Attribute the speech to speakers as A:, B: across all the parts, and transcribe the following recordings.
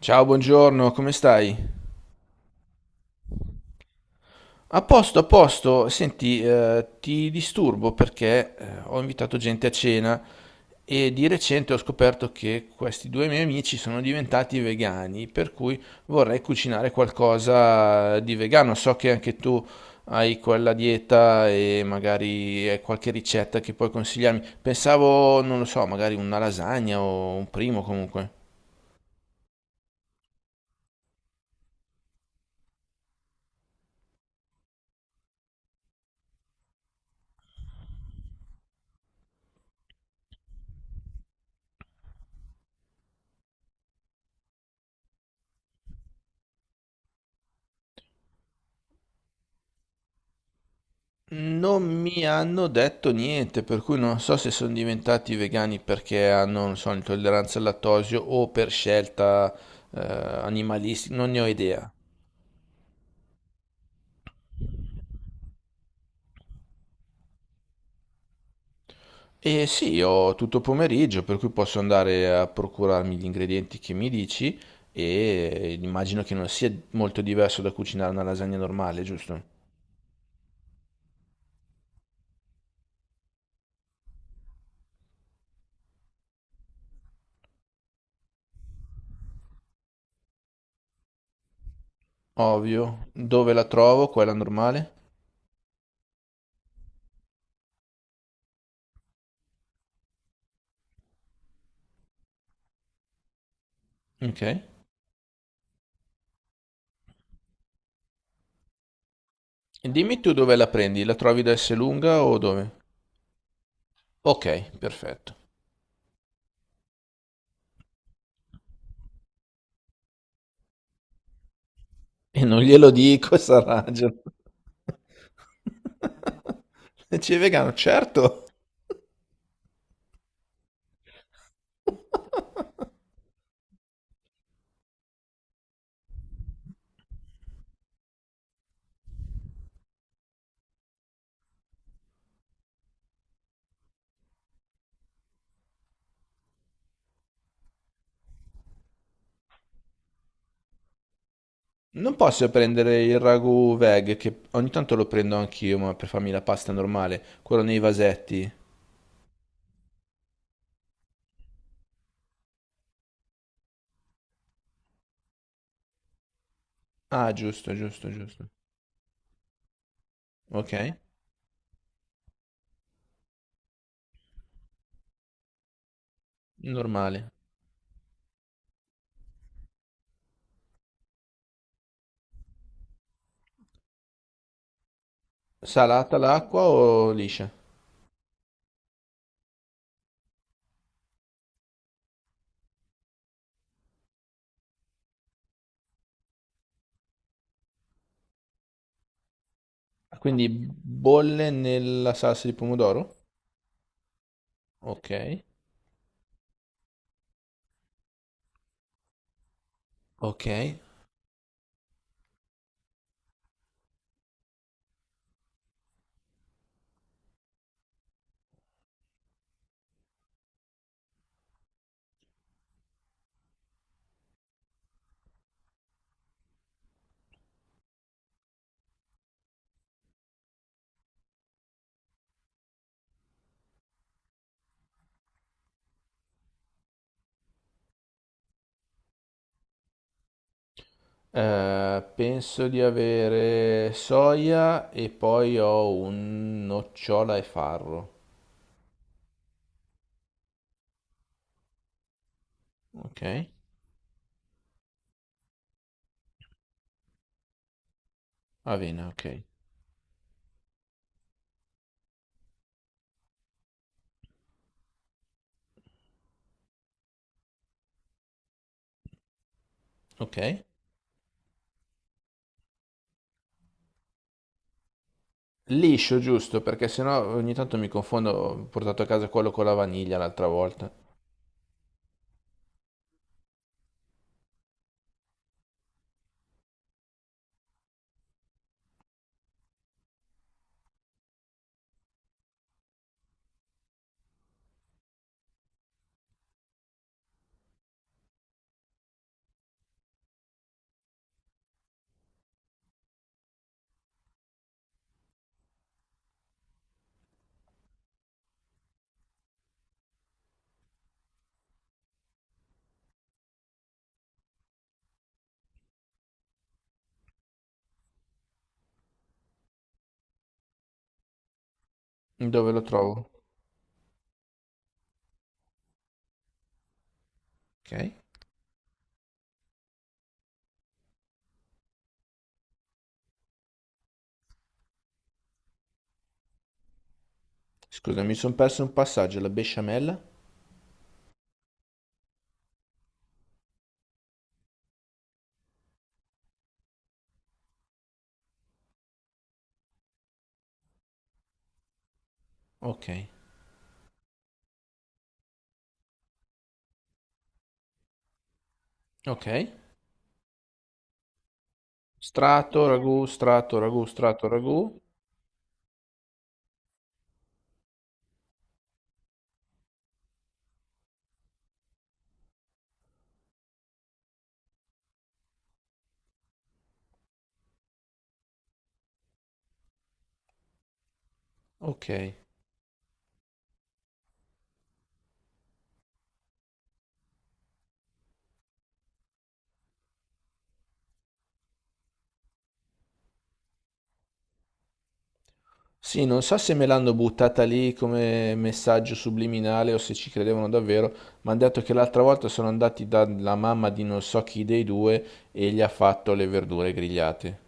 A: Ciao, buongiorno, come stai? A posto, a posto. Senti, ti disturbo perché ho invitato gente a cena e di recente ho scoperto che questi due miei amici sono diventati vegani, per cui vorrei cucinare qualcosa di vegano. So che anche tu hai quella dieta e magari hai qualche ricetta che puoi consigliarmi. Pensavo, non lo so, magari una lasagna o un primo comunque. Non mi hanno detto niente, per cui non so se sono diventati vegani perché hanno, non so, intolleranza al lattosio o per scelta animalistica, non ne ho idea. E sì, ho tutto pomeriggio, per cui posso andare a procurarmi gli ingredienti che mi dici e immagino che non sia molto diverso da cucinare una lasagna normale, giusto? Ovvio. Dove la trovo? Quella normale? Ok. Dimmi tu dove la prendi, la trovi da Esselunga o dove? Ok, perfetto. E non glielo dico, Sarajevo. Dice vegano, certo. Non posso prendere il ragù veg, che ogni tanto lo prendo anch'io, ma per farmi la pasta normale, quello nei vasetti. Ah, giusto, giusto, giusto. Ok, normale. Salata l'acqua o liscia? Quindi bolle nella salsa di pomodoro? Ok, ok. Penso di avere soia e poi ho un nocciola e farro. Ok? Avena, ok. Ok. Liscio, giusto, perché sennò ogni tanto mi confondo. Ho portato a casa quello con la vaniglia l'altra volta. Dove lo trovo? Ok. Scusa, mi sono perso un passaggio, la besciamella? Ok. Ok. Strato, ragù, strato, ragù, strato, ragù. Ok. Sì, non so se me l'hanno buttata lì come messaggio subliminale o se ci credevano davvero, ma hanno detto che l'altra volta sono andati dalla mamma di non so chi dei due e gli ha fatto le verdure grigliate.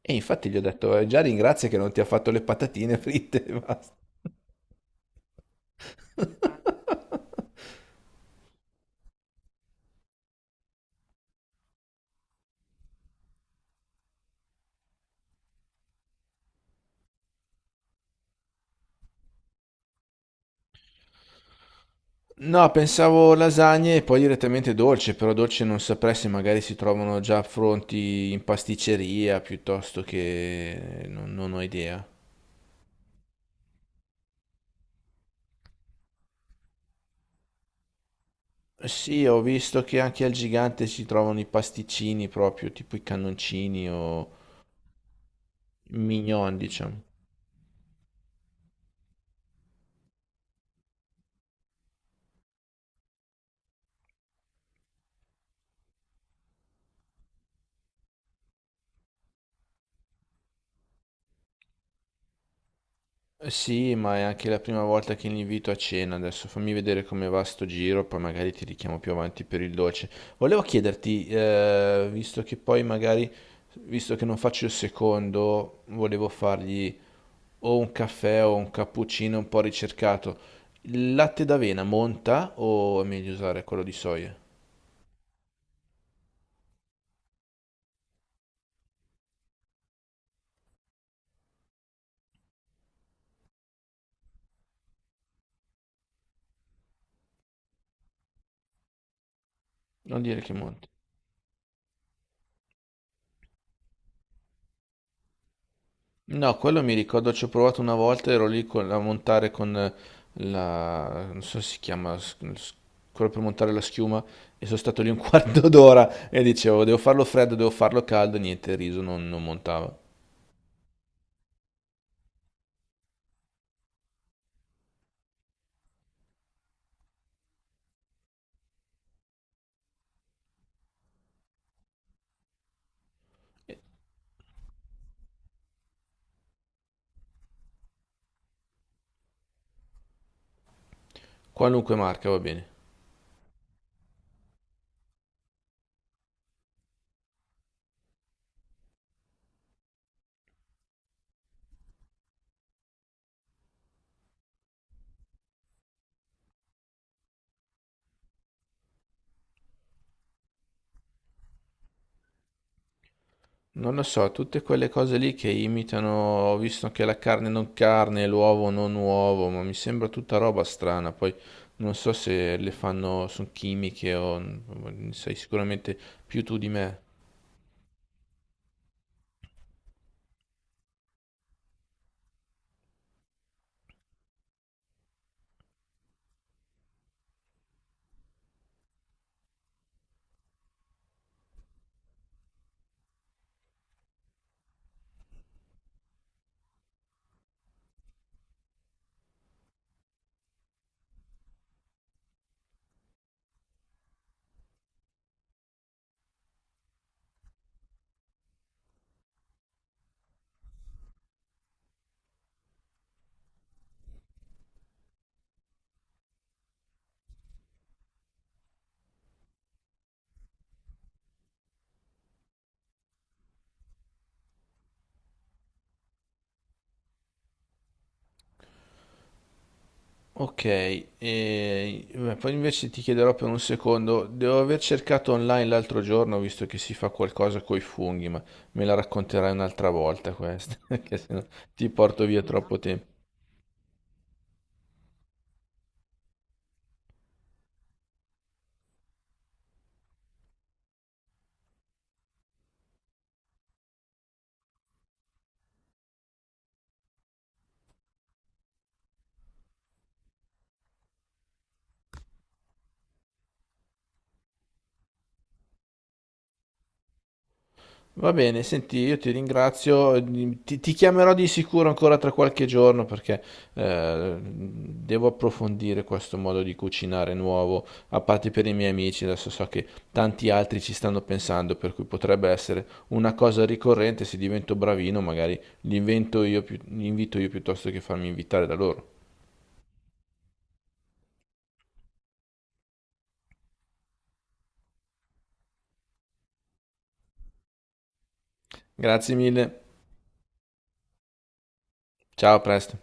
A: E infatti gli ho detto, già ringrazia che non ti ha fatto le patatine fritte e basta." No, pensavo lasagne e poi direttamente dolce, però dolce non saprei se magari si trovano già pronti in pasticceria piuttosto che... non, non ho idea. Sì, ho visto che anche al gigante si trovano i pasticcini proprio, tipo i cannoncini o i mignon, diciamo. Sì, ma è anche la prima volta che li invito a cena. Adesso fammi vedere come va sto giro, poi magari ti richiamo più avanti per il dolce. Volevo chiederti, visto che poi magari, visto che non faccio il secondo, volevo fargli o un caffè o un cappuccino un po' ricercato. Il latte d'avena monta o è meglio usare quello di soia? Non dire che monta. No, quello mi ricordo, ci ho provato una volta, ero lì a montare con la... non so se si chiama, quello per montare la schiuma, e sono stato lì un quarto d'ora e dicevo, devo farlo freddo, devo farlo caldo, niente, il riso non montava. Qualunque marca va bene. Non lo so, tutte quelle cose lì che imitano, ho visto anche la carne non carne, l'uovo non uovo, ma mi sembra tutta roba strana, poi non so se le fanno, sono chimiche o sai sicuramente più tu di me. Ok, e beh, poi invece ti chiederò per un secondo, devo aver cercato online l'altro giorno, visto che si fa qualcosa coi funghi, ma me la racconterai un'altra volta questa, che se no ti porto via troppo tempo. Va bene, senti, io ti ringrazio, ti chiamerò di sicuro ancora tra qualche giorno perché devo approfondire questo modo di cucinare nuovo, a parte per i miei amici, adesso so che tanti altri ci stanno pensando, per cui potrebbe essere una cosa ricorrente, se divento bravino magari li invento io, li invito io piuttosto che farmi invitare da loro. Grazie mille, ciao, a presto.